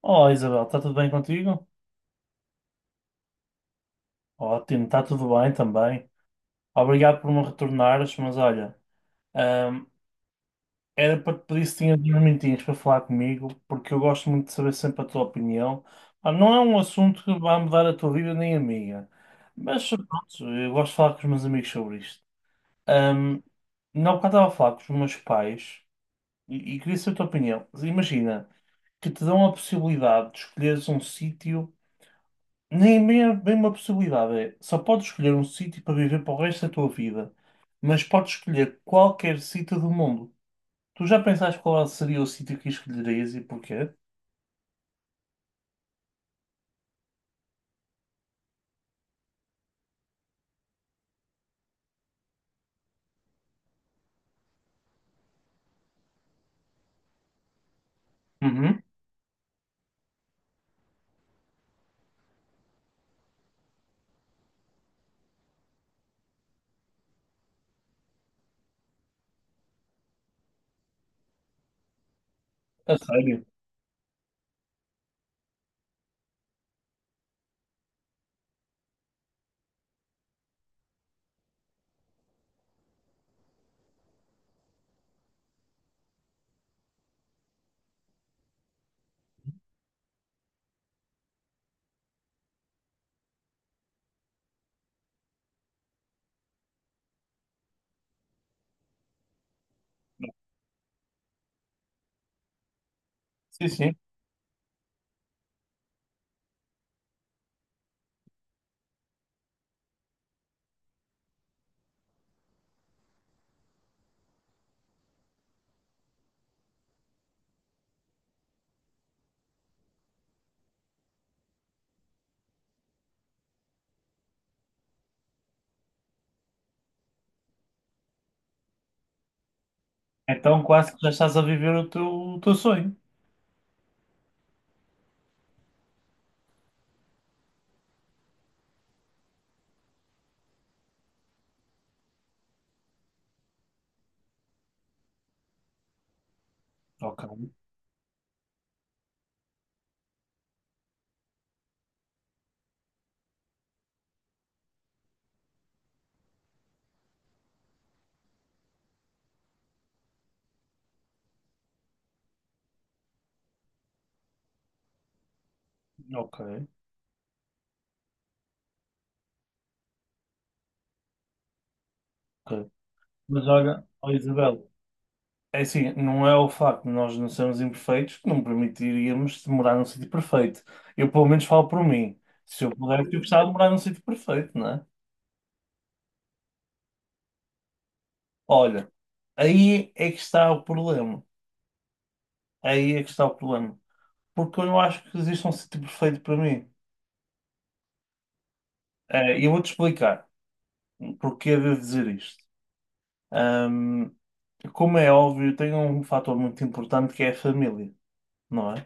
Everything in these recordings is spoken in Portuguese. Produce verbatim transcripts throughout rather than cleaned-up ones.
Olá, Isabel, está tudo bem contigo? Ótimo, está tudo bem também. Obrigado por me retornares, mas olha, hum, era para te pedir se tinhas uns minutinhos para falar comigo, porque eu gosto muito de saber sempre a tua opinião. Ah, não é um assunto que vá mudar a tua vida nem a minha, mas pronto, eu gosto de falar com os meus amigos sobre isto. Hum, na época estava a falar com os meus pais e, e queria saber a tua opinião. Imagina que te dão a possibilidade de escolheres um sítio. Nem bem é bem uma possibilidade, é só podes escolher um sítio para viver para o resto da tua vida, mas podes escolher qualquer sítio do mundo. Tu já pensaste qual seria o sítio que escolherias e porquê? Uhum. A sério? Sim, sim. Então quase que já estás a viver o teu, o teu sonho. Ok, ok, ok. Mas olha, ó Isabel, é assim, não é o facto de nós não sermos imperfeitos que não permitiríamos de morar num sítio perfeito. Eu pelo menos falo por mim. Se eu pudesse, eu gostava de morar num sítio perfeito, não é? Olha, aí é que está o problema. Aí é que está o problema. Porque eu não acho que existe um sítio perfeito para mim. Eh, E eu vou-te explicar porque é de dizer isto. Ahm, como é óbvio, tem um fator muito importante que é a família, não é?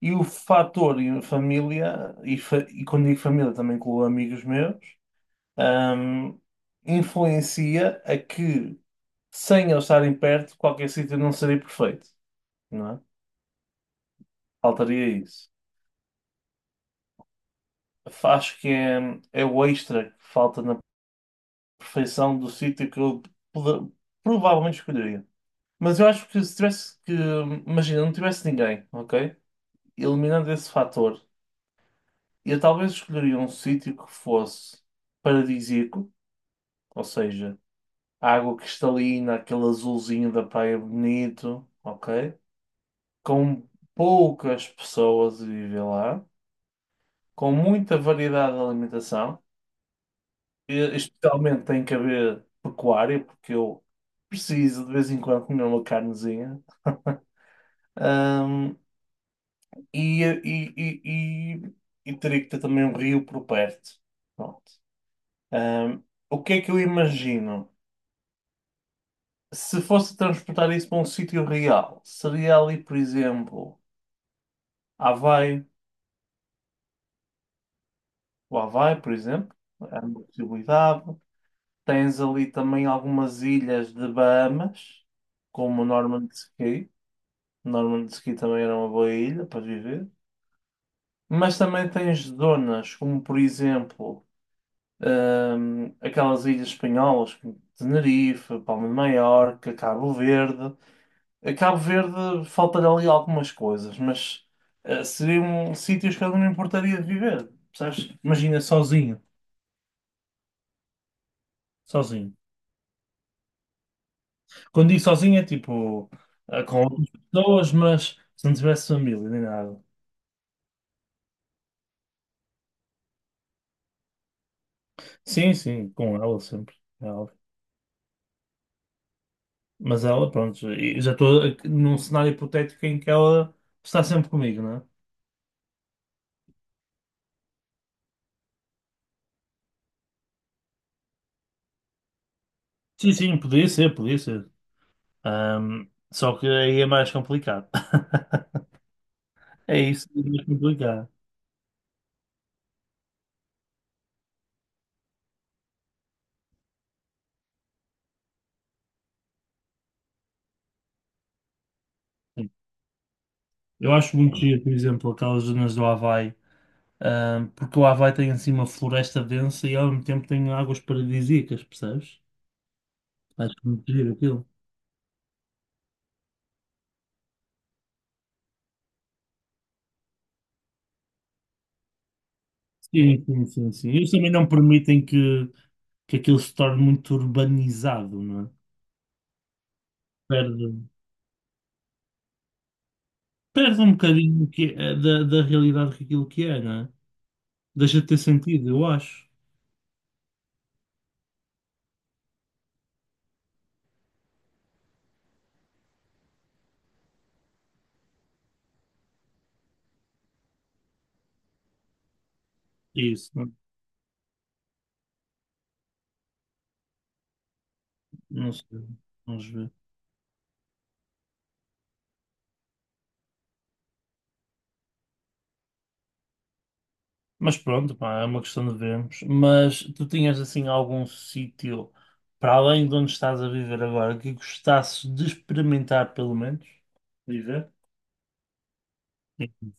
E o fator e a família, e, fa e quando digo família também com amigos meus, ahm, influencia a que, sem eles estarem perto, qualquer sítio não seria perfeito, não é? Faltaria isso. Acho que é, é o extra que falta na perfeição do sítio que eu poder- provavelmente escolheria. Mas eu acho que se tivesse que, imagina, não tivesse ninguém, ok? Eliminando esse fator, eu talvez escolheria um sítio que fosse paradisíaco, ou seja, água cristalina, aquele azulzinho da praia bonito, ok? Com poucas pessoas a viver lá, com muita variedade de alimentação. E- especialmente tem que haver pecuária, porque eu preciso de vez em quando comer uma carnezinha. Ahm, e, e, e, e, e teria que ter também um rio por perto. Pronto. Ahm, o que é que eu imagino? Se fosse transportar isso para um sítio real, seria ali, por exemplo, Havaí, o Havaí, por exemplo, é uma possibilidade. Tens ali também algumas ilhas de Bahamas, como Norman's Cay. Normandiski também era uma boa ilha para viver. Mas também tens zonas como, por exemplo, hum, aquelas ilhas espanholas, como Tenerife, Palma de Maiorca, Cabo Verde. A Cabo Verde falta-lhe ali algumas coisas, mas eh, seriam sítios que eu não importaria de viver, percebes? Imagina sozinho, sozinho. Quando digo sozinho é tipo eh, com outras pessoas, mas se não tivesse família nem nada. Sim, sim, com ela sempre. Mas ela, pronto, e já estou num cenário hipotético em que ela está sempre comigo, não é? Sim, sim, podia ser, podia ser. Ahm, só que aí é mais complicado. É isso, é mais complicado. Sim. Eu acho muito giro, por exemplo, aquelas zonas do Havaí, ahm, porque o Havaí tem assim uma floresta densa e ao mesmo tempo tem águas paradisíacas, percebes? Acho muito giro aquilo. Sim, sim, sim, sim. Eles também não permitem que, que aquilo se torne muito urbanizado, não é? Perde. Perde um bocadinho que é- eh, da, da realidade que aquilo que é, não é? Deixa de ter sentido, eu acho. Isso, não, não sei. Vamos ver. Mas pronto, pá, é uma questão de vermos. Mas tu tinhas assim algum sítio para além de onde estás a viver agora que gostasses de experimentar, pelo menos? Viver? Sim.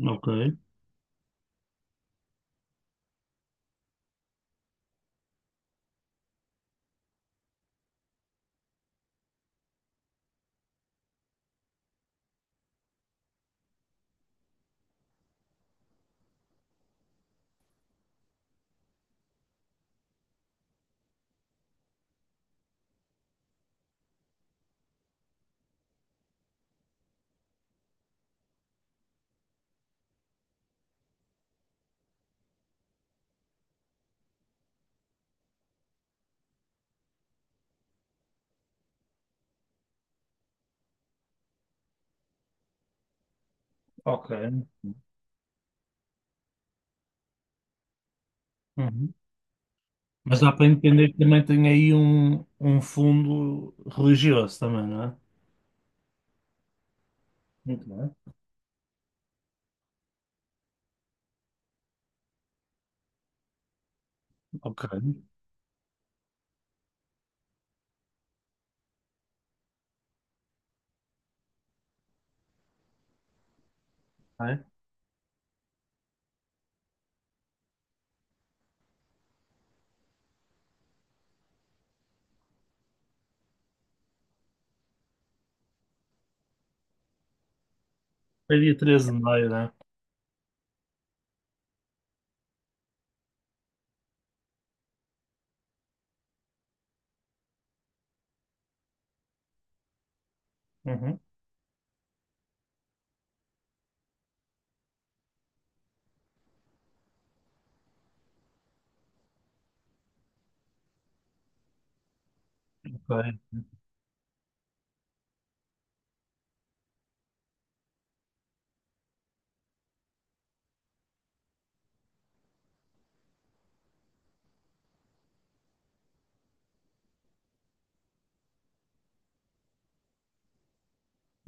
Ok, ok. Uhum. Mas dá para entender que também tem aí um, um fundo religioso também, não é? Muito bem. Ok. É. Foi dia treze de maio, né? Uhum. Ok.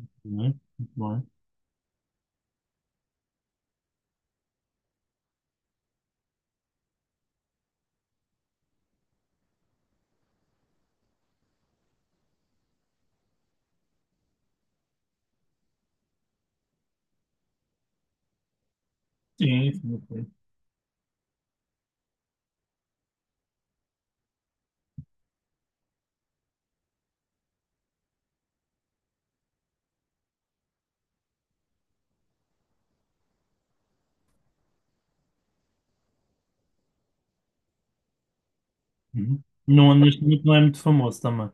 Muito bem. Muito bem. Sim, sim, ok. Uhum. Não, neste momento não é muito famoso também.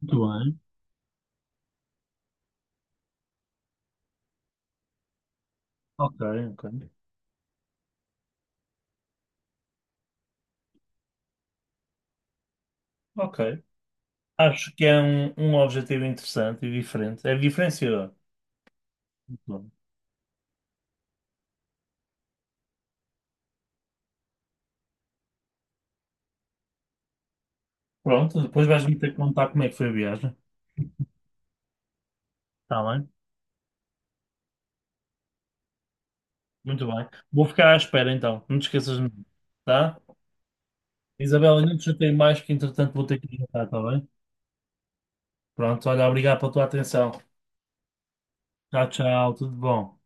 Muito bem. Ok, ok. Ok. Acho que é um, um objetivo interessante e diferente. É diferenciador. Muito bem. Pronto, depois vais-me ter que contar como é que foi a viagem. Está bem? Muito bem. Vou ficar à espera então. Não te esqueças de mim. Tá? Isabela, não te chatei mais que entretanto vou ter que ir, tá bem? Pronto, olha, obrigado pela tua atenção. Tchau, tchau. Tudo bom.